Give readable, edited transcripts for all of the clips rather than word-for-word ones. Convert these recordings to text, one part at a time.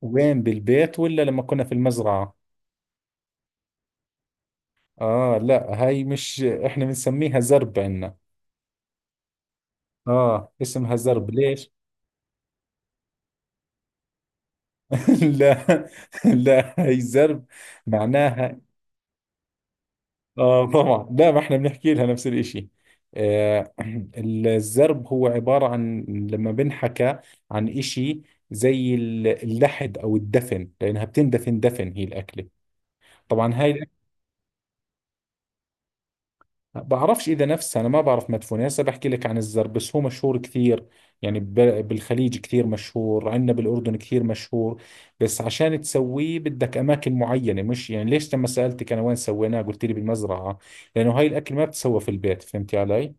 وين؟ بالبيت ولا لما كنا في المزرعة؟ آه، لا، هاي مش إحنا بنسميها زرب عنا. آه، اسمها زرب. ليش؟ لا. لا، هاي زرب معناها، آه، طبعا. لا، ما إحنا بنحكي لها نفس الإشي. آه. الزرب هو عبارة عن لما بنحكى عن إشي زي اللحد أو الدفن، لأنها بتندفن دفن هي الأكلة طبعا هاي. بعرفش اذا نفسها، انا ما بعرف مدفونه، هسه بحكي لك عن الزر بس، هو مشهور كثير، يعني بالخليج كثير مشهور، عندنا بالاردن كثير مشهور. بس عشان تسويه بدك اماكن معينه، مش يعني ليش لما سالتك انا وين سويناه قلت لي بالمزرعه؟ لانه هاي الاكل ما بتسوى في البيت. فهمتي علي؟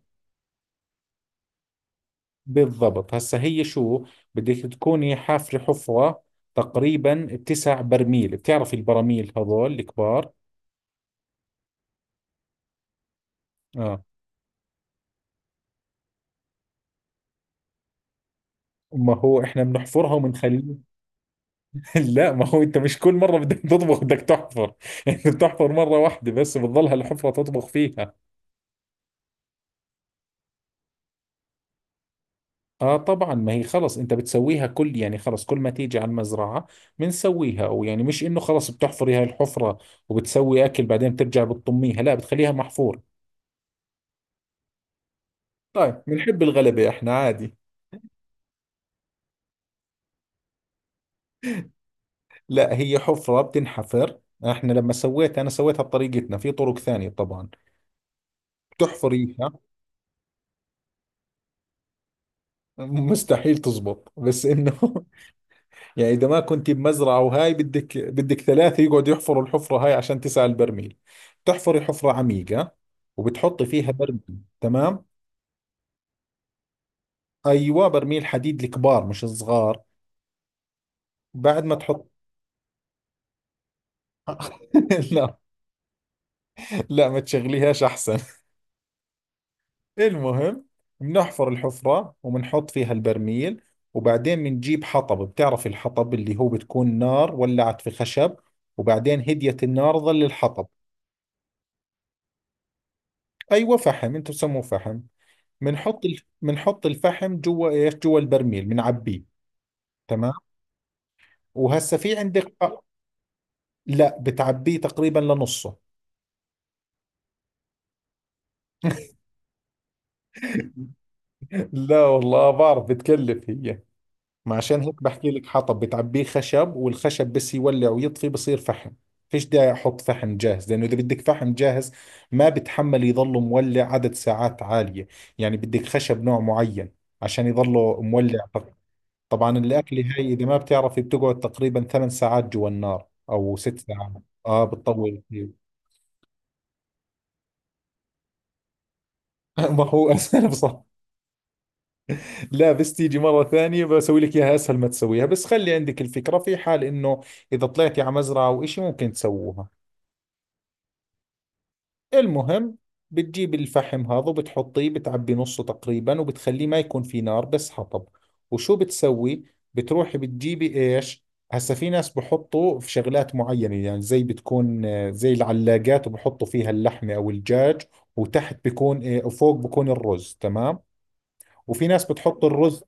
بالضبط. هسه هي شو؟ بدك تكوني حافره حفره تقريبا بتسع برميل. بتعرفي البراميل هذول الكبار؟ اه. ما هو احنا بنحفرها وبنخليها. لا، ما هو انت مش كل مره بدك تطبخ بدك تحفر. انت بتحفر مره واحده بس، بتضلها الحفره تطبخ فيها. اه طبعا. ما هي خلص انت بتسويها، كل يعني خلص كل ما تيجي على المزرعه بنسويها. او يعني مش انه خلص بتحفري هاي الحفره وبتسوي اكل بعدين بترجع بتطميها، لا بتخليها محفوره. طيب، بنحب الغلبه احنا، عادي. لا، هي حفره بتنحفر. احنا لما سويتها انا سويتها بطريقتنا، في طرق ثانيه طبعا بتحفريها. مستحيل تزبط، بس انه يعني اذا ما كنت بمزرعه وهاي بدك ثلاثه يقعدوا يحفروا الحفره هاي عشان تسعى البرميل. بتحفري حفره عميقه وبتحطي فيها برميل، تمام. ايوه، برميل حديد، الكبار مش الصغار. بعد ما تحط. لا. لا، ما تشغليهاش احسن. المهم، بنحفر الحفره وبنحط فيها البرميل، وبعدين بنجيب حطب. بتعرف الحطب اللي هو بتكون نار ولعت في خشب وبعدين هديت النار ظل الحطب. ايوه فحم، انتم بسموه فحم. بنحط الفحم جوا ايش، جوا البرميل بنعبيه. تمام. وهسا في عندك لا، بتعبيه تقريبا لنصه. لا والله، بعرف بتكلف هي. ما عشان هيك بحكي لك حطب بتعبيه خشب، والخشب بس يولع ويطفي بصير فحم. فيش داعي احط فحم جاهز، لانه اذا بدك فحم جاهز ما بتحمل يضله مولع عدد ساعات عالية. يعني بدك خشب نوع معين عشان يضله مولع. طبعا الأكلة هاي إذا ما بتعرفي بتقعد تقريبا 8 ساعات جوا النار أو 6 ساعات. آه، بتطول كثير. ما هو أسهل بصراحة. لا بس تيجي مرة ثانية بسوي لك إياها، أسهل ما تسويها بس خلي عندك الفكرة، في حال إنه إذا طلعتي على مزرعة أو إشي ممكن تسووها. المهم، بتجيب الفحم هذا وبتحطيه، بتعبي نصه تقريبا، وبتخليه ما يكون في نار بس حطب. وشو بتسوي؟ بتروحي بتجيبي ايش؟ هسا في ناس بحطوا في شغلات معينة، يعني زي بتكون زي العلاقات وبحطوا فيها اللحمة او الدجاج، وتحت بيكون وفوق بيكون الرز، تمام. وفي ناس بتحط الرز.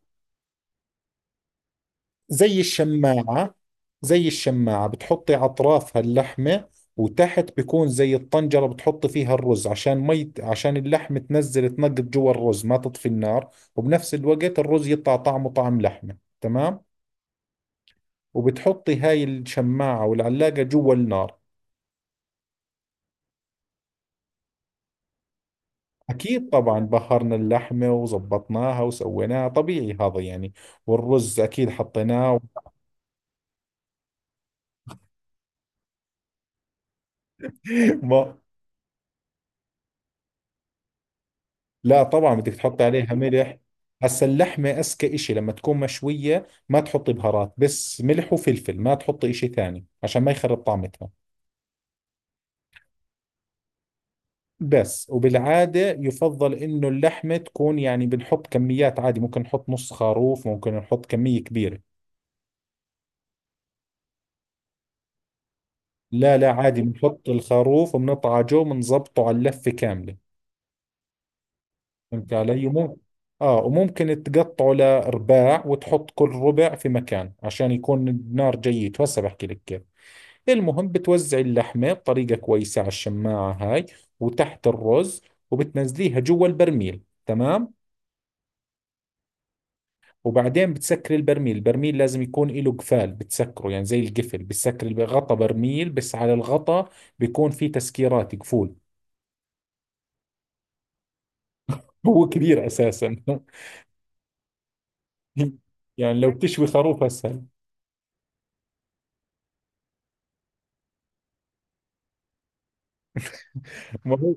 زي الشماعة. زي الشماعة بتحطي أطرافها اللحمة، وتحت بيكون زي الطنجرة بتحطي فيها الرز، عشان مي، عشان اللحمة تنزل تنقط جوا الرز ما تطفي النار، وبنفس الوقت الرز يطلع طعمه طعم لحمة، تمام. وبتحطي هاي الشماعة والعلاقة جوا النار. أكيد طبعا بهرنا اللحمة وزبطناها وسويناها طبيعي، هذا يعني. والرز أكيد حطيناه. ما. لا طبعا بدك تحط عليها ملح. هسا اللحمة أذكى إشي لما تكون مشوية ما تحطي بهارات، بس ملح وفلفل، ما تحطي إشي ثاني عشان ما يخرب طعمتها. بس، وبالعادة يفضل إنه اللحمة تكون، يعني بنحط كميات عادي، ممكن نحط نص خروف، ممكن نحط كمية كبيرة. لا لا، عادي بنحط الخروف وبنطعجه وبنظبطه على اللفة كاملة. فهمت علي؟ ممكن آه، وممكن تقطعه لأرباع وتحط كل ربع في مكان عشان يكون النار جيد. هسا بحكي لك كيف. المهم بتوزع اللحمة بطريقة كويسة على الشماعة هاي، وتحت الرز، وبتنزليها جوا البرميل، تمام. وبعدين بتسكري البرميل. البرميل لازم يكون له قفال بتسكره، يعني زي القفل بتسكري غطا برميل، بس على الغطا بيكون في تسكيرات قفول. هو كبير أساسا. يعني لو بتشوي خروف أسهل. ما هو-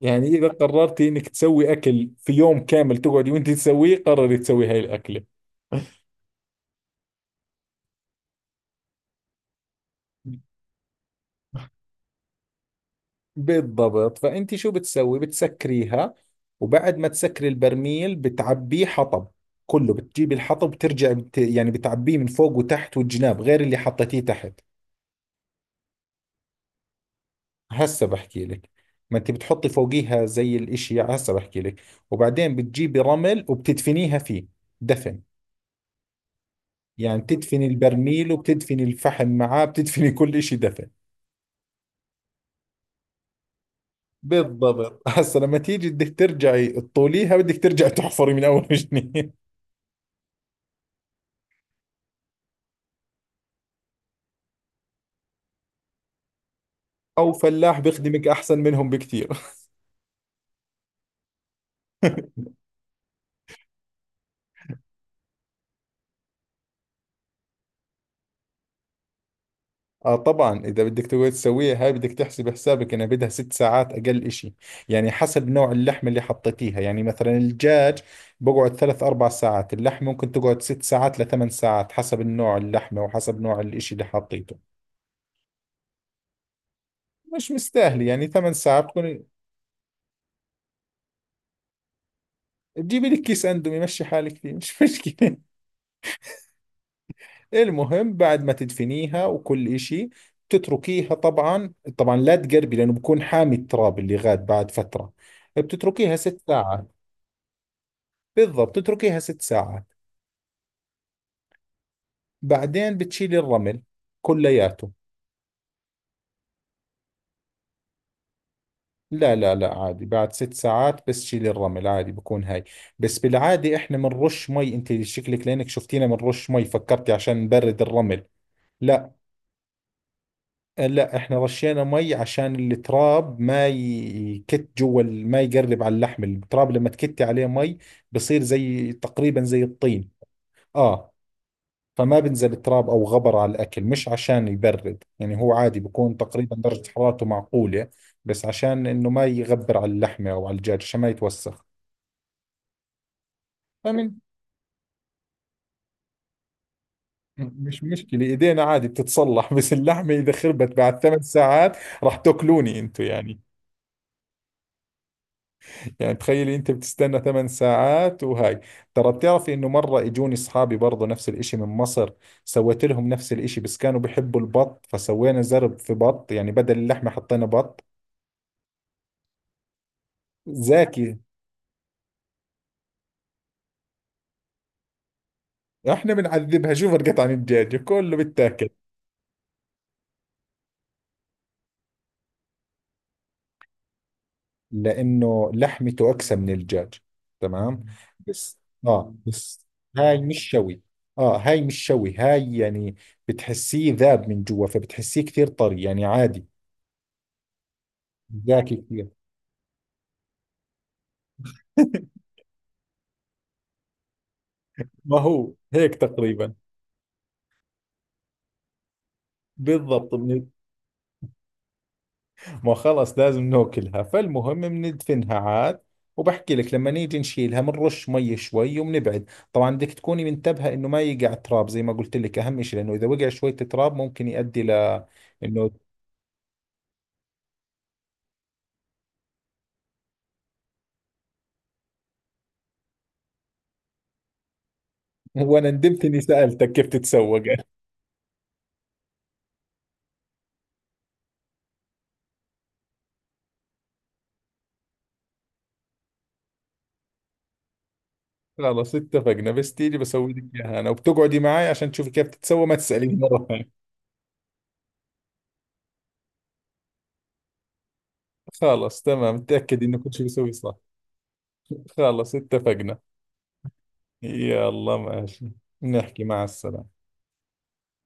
يعني إذا قررتي إنك تسوي أكل في يوم كامل تقعدي وأنت تسويه، قرري تسوي هاي الأكلة. بالضبط. فأنت شو بتسوي؟ بتسكريها، وبعد ما تسكري البرميل بتعبيه حطب كله، بتجيبي الحطب بترجع يعني بتعبيه من فوق وتحت والجناب غير اللي حطيتيه تحت. هسه بحكي لك. ما انت بتحطي فوقيها زي الاشي، هسه بحكي لك. وبعدين بتجيبي رمل وبتدفنيها فيه، دفن. يعني بتدفني البرميل، وبتدفني الفحم معاه، بتدفني كل اشي دفن. بالضبط. هسه لما تيجي بدك ترجعي تطوليها، بدك ترجعي تحفري من اول وجديد. او فلاح بيخدمك احسن منهم بكثير. اه طبعا، اذا بدك تقعد تسويها هاي بدك تحسب حسابك انها بدها 6 ساعات اقل اشي. يعني حسب نوع اللحمه اللي حطيتيها، يعني مثلا الدجاج بقعد ثلاث اربع ساعات، اللحم ممكن تقعد 6 ساعات لثمان ساعات حسب النوع اللحمه وحسب نوع الاشي اللي حطيته. مش مستاهل يعني 8 ساعات تكون، تجيبي لك كيس اندومي مشي حالك فيه مش مشكله. المهم بعد ما تدفنيها وكل إشي بتتركيها، طبعا طبعا لا تقربي لأنه بكون حامي التراب اللي غاد بعد فترة. بتتركيها 6 ساعات. بالضبط، تتركيها 6 ساعات. بعدين بتشيلي الرمل كلياته. لا لا لا، عادي بعد 6 ساعات بس شيلي الرمل، عادي بكون هاي. بس بالعادة احنا بنرش مي، انت شكلك لانك شفتينا بنرش مي فكرتي عشان نبرد الرمل. لا. لا، احنا رشينا مي عشان التراب ما يكت جوا ما يقرب على اللحم. التراب لما تكتي عليه مي بصير زي تقريبا زي الطين. اه، فما بنزل تراب او غبر على الاكل، مش عشان يبرد يعني، هو عادي بكون تقريبا درجة حرارته معقولة، بس عشان انه ما يغبر على اللحمة او على الدجاج عشان ما يتوسخ. فمن، مش مشكلة ايدينا عادي بتتصلح، بس اللحمة اذا خربت بعد 8 ساعات راح تاكلوني انتو يعني. يعني تخيلي انت بتستنى 8 ساعات وهاي. ترى بتعرفي انه مرة اجوني اصحابي برضو نفس الاشي من مصر، سويت لهم نفس الاشي بس كانوا بيحبوا البط، فسوينا زرب في بط يعني بدل اللحمة حطينا بط. زاكي. احنا بنعذبها، شو فرقت عن الدجاج؟ كله بتاكل. لانه لحمته اقسى من الدجاج. تمام. بس، اه، بس هاي مش شوي. اه، هاي مش شوي هاي يعني، بتحسيه ذاب من جوا، فبتحسيه كثير طري يعني عادي. زاكي كثير. ما هو هيك تقريبا. بالضبط. من، ما خلص لازم ناكلها. فالمهم بندفنها عاد، وبحكي لك لما نيجي نشيلها بنرش مي شوي وبنبعد. طبعا بدك تكوني منتبهة انه ما يقع تراب زي ما قلت لك، اهم شيء، لانه اذا وقع شوية تراب ممكن يؤدي ل انه. وانا ندمت اني سألتك كيف تتسوق. خلص اتفقنا. بس تيجي بسوي لك اياها انا وبتقعدي معي عشان تشوفي كيف تتسوى ما تسأليني مرة ثانية. خلص تمام، تأكدي انه كل شيء بسوي صح. خلص اتفقنا. يلا ماشي. نحكي مع السلامة.